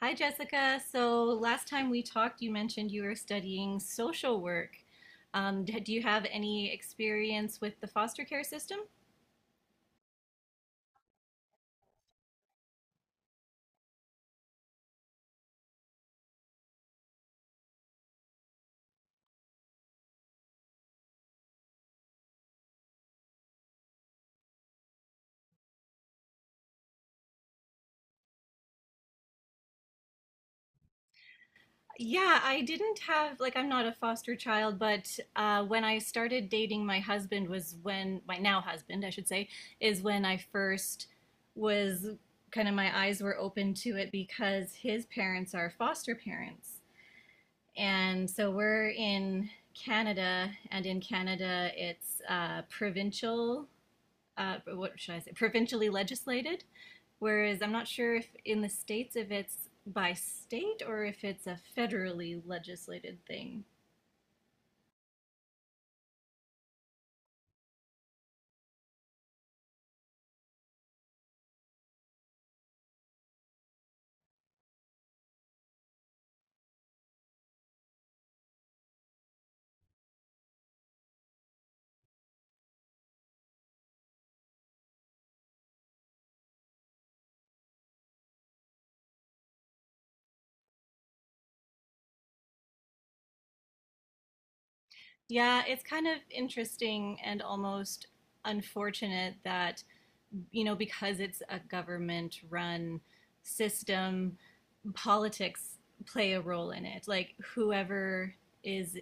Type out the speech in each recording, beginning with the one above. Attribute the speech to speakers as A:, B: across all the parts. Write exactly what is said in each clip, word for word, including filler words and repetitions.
A: Hi, Jessica. So last time we talked, you mentioned you were studying social work. Um, d- do you have any experience with the foster care system? Yeah, I didn't have, like, I'm not a foster child, but uh, when I started dating my husband was when, my now husband, I should say, is when I first was kind of my eyes were open to it because his parents are foster parents. And so we're in Canada, and in Canada, it's uh, provincial, uh, what should I say, provincially legislated. Whereas I'm not sure if in the States, if it's by state or if it's a federally legislated thing. Yeah, it's kind of interesting and almost unfortunate that you know, because it's a government run system, politics play a role in it. Like whoever is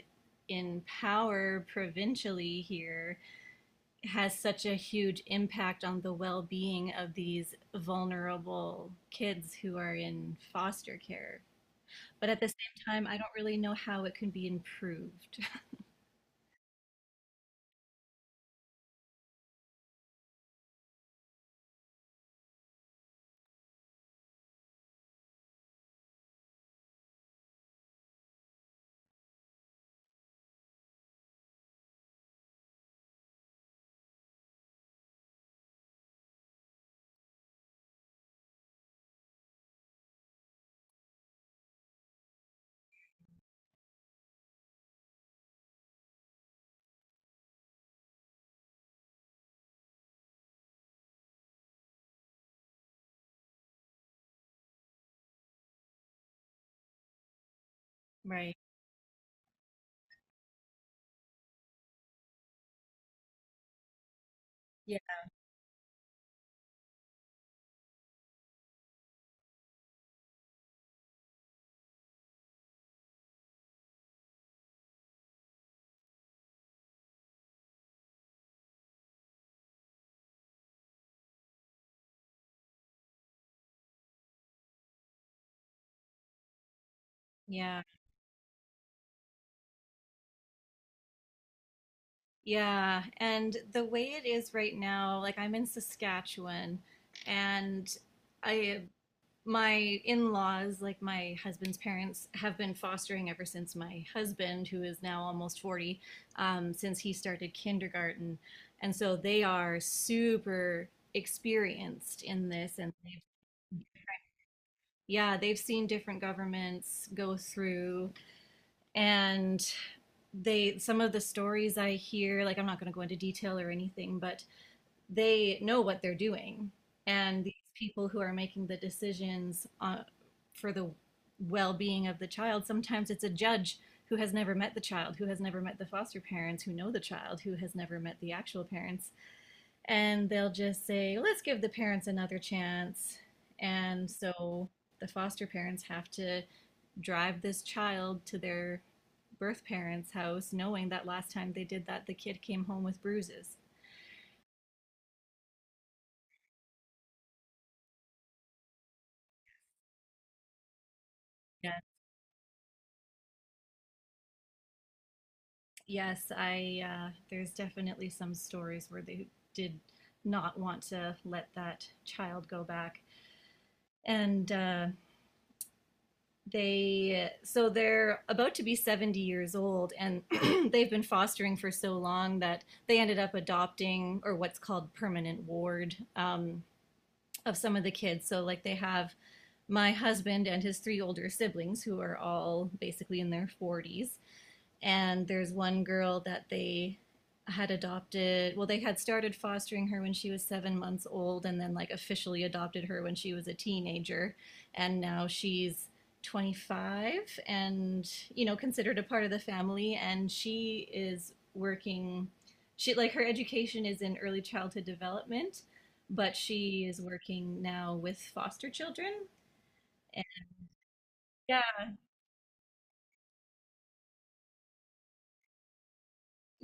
A: in power provincially here has such a huge impact on the well-being of these vulnerable kids who are in foster care. But at the same time, I don't really know how it can be improved. Right. Yeah. Yeah. Yeah, and the way it is right now, like I'm in Saskatchewan and I my in-laws, like my husband's parents, have been fostering ever since my husband, who is now almost forty, um, since he started kindergarten. And so they are super experienced in this and they've, yeah, they've seen different governments go through and they some of the stories I hear, like I'm not going to go into detail or anything, but they know what they're doing. And these people who are making the decisions uh, for the well being of the child, sometimes it's a judge who has never met the child, who has never met the foster parents, who know the child, who has never met the actual parents. And they'll just say, let's give the parents another chance. And so the foster parents have to drive this child to their birth parents' house, knowing that last time they did that, the kid came home with bruises. Yeah. Yes, I uh, there's definitely some stories where they did not want to let that child go back. And uh, they so they're about to be seventy years old and they've been fostering for so long that they ended up adopting or what's called permanent ward um, of some of the kids. So like they have my husband and his three older siblings who are all basically in their forties, and there's one girl that they had adopted, well they had started fostering her when she was seven months old and then like officially adopted her when she was a teenager, and now she's twenty-five, and you know considered a part of the family, and she is working. She like her education is in early childhood development, but she is working now with foster children.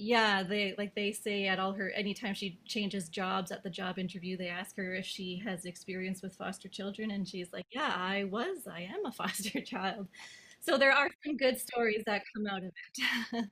A: Yeah, they like they say at all her anytime she changes jobs at the job interview, they ask her if she has experience with foster children, and she's like, "Yeah, I was. I am a foster child." So there are some good stories that come out of it.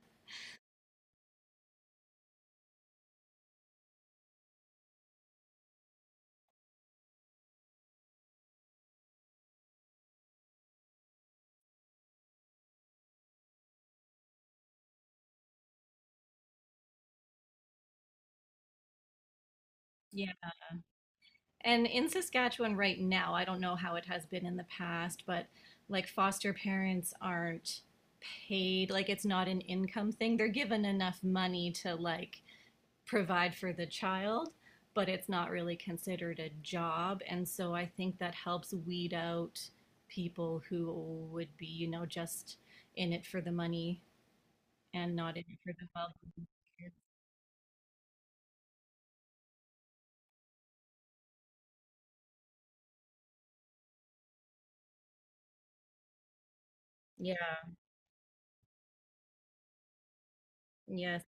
A: Yeah. And in Saskatchewan right now, I don't know how it has been in the past, but like foster parents aren't paid, like it's not an income thing. They're given enough money to like provide for the child, but it's not really considered a job. And so I think that helps weed out people who would be, you know, just in it for the money and not in it for the well. Yeah. Yes.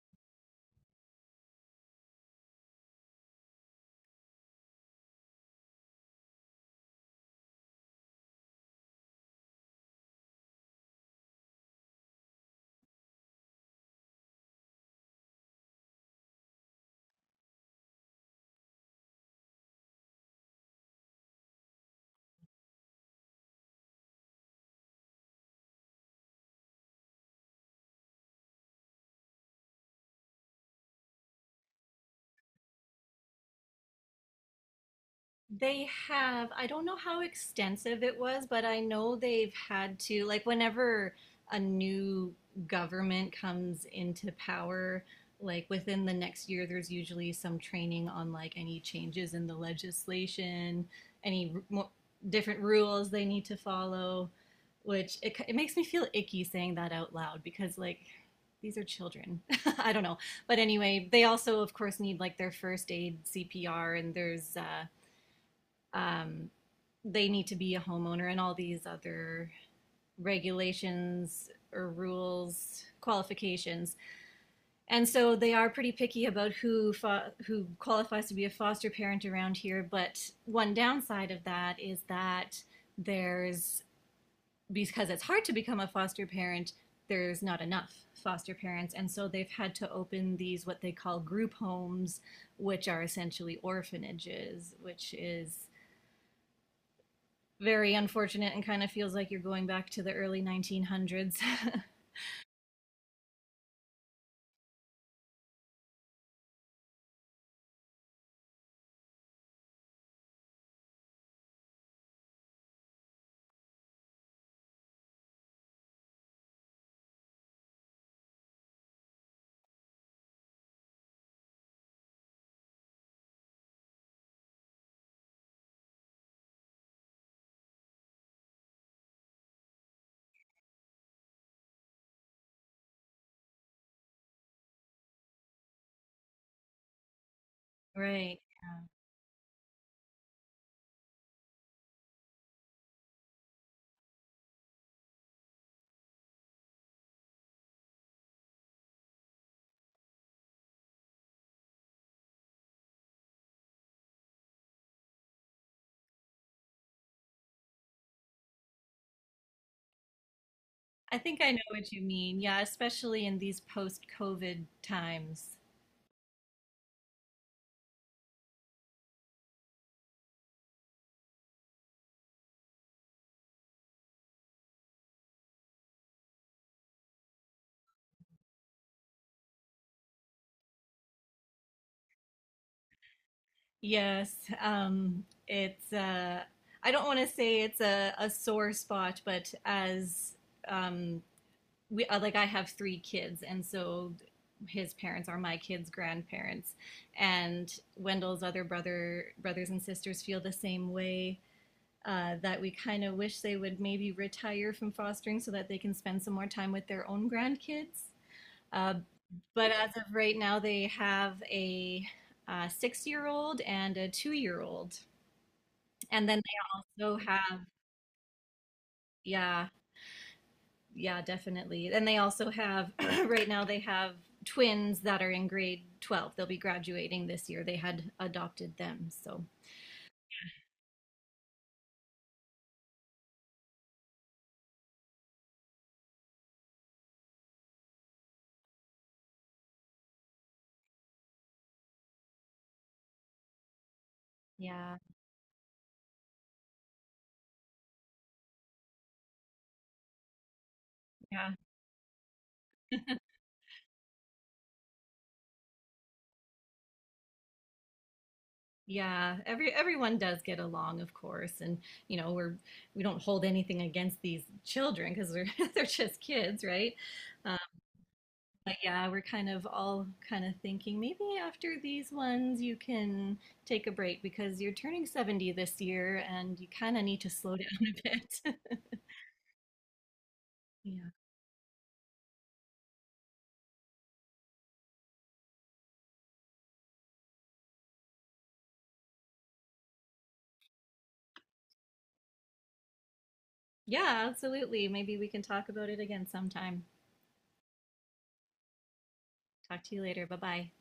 A: They have, I don't know how extensive it was, but I know they've had to, like, whenever a new government comes into power, like within the next year, there's usually some training on like any changes in the legislation, any r- mo different rules they need to follow, which it, it makes me feel icky saying that out loud because, like, these are children. I don't know. But anyway, they also, of course, need like their first aid C P R, and there's, uh, um, they need to be a homeowner and all these other regulations or rules qualifications, and so they are pretty picky about who fo- who qualifies to be a foster parent around here. But one downside of that is that there's because it's hard to become a foster parent, there's not enough foster parents, and so they've had to open these what they call group homes, which are essentially orphanages, which is very unfortunate and kind of feels like you're going back to the early nineteen hundreds. Right. I think I know what you mean. Yeah, especially in these post-COVID times. Yes, um, it's uh, I don't want to say it's a, a sore spot, but as um, we uh, like I have three kids, and so his parents are my kids' grandparents, and Wendell's other brother brothers and sisters feel the same way. Uh, that we kind of wish they would maybe retire from fostering so that they can spend some more time with their own grandkids. Uh, but as of right now, they have a, uh six year old and a two year old. And then they also have, yeah, yeah, definitely. And they also have, right now, they have twins that are in grade twelve. They'll be graduating this year. They had adopted them. So, yeah, yeah. Yeah, every everyone does get along, of course, and you know we're we don't hold anything against these children because they're they're just kids, right? Um, but yeah, we're kind of all kind of thinking maybe after these ones you can take a break because you're turning seventy this year and you kind of need to slow down a bit. Yeah. Yeah, absolutely. Maybe we can talk about it again sometime. Talk to you later. Bye-bye.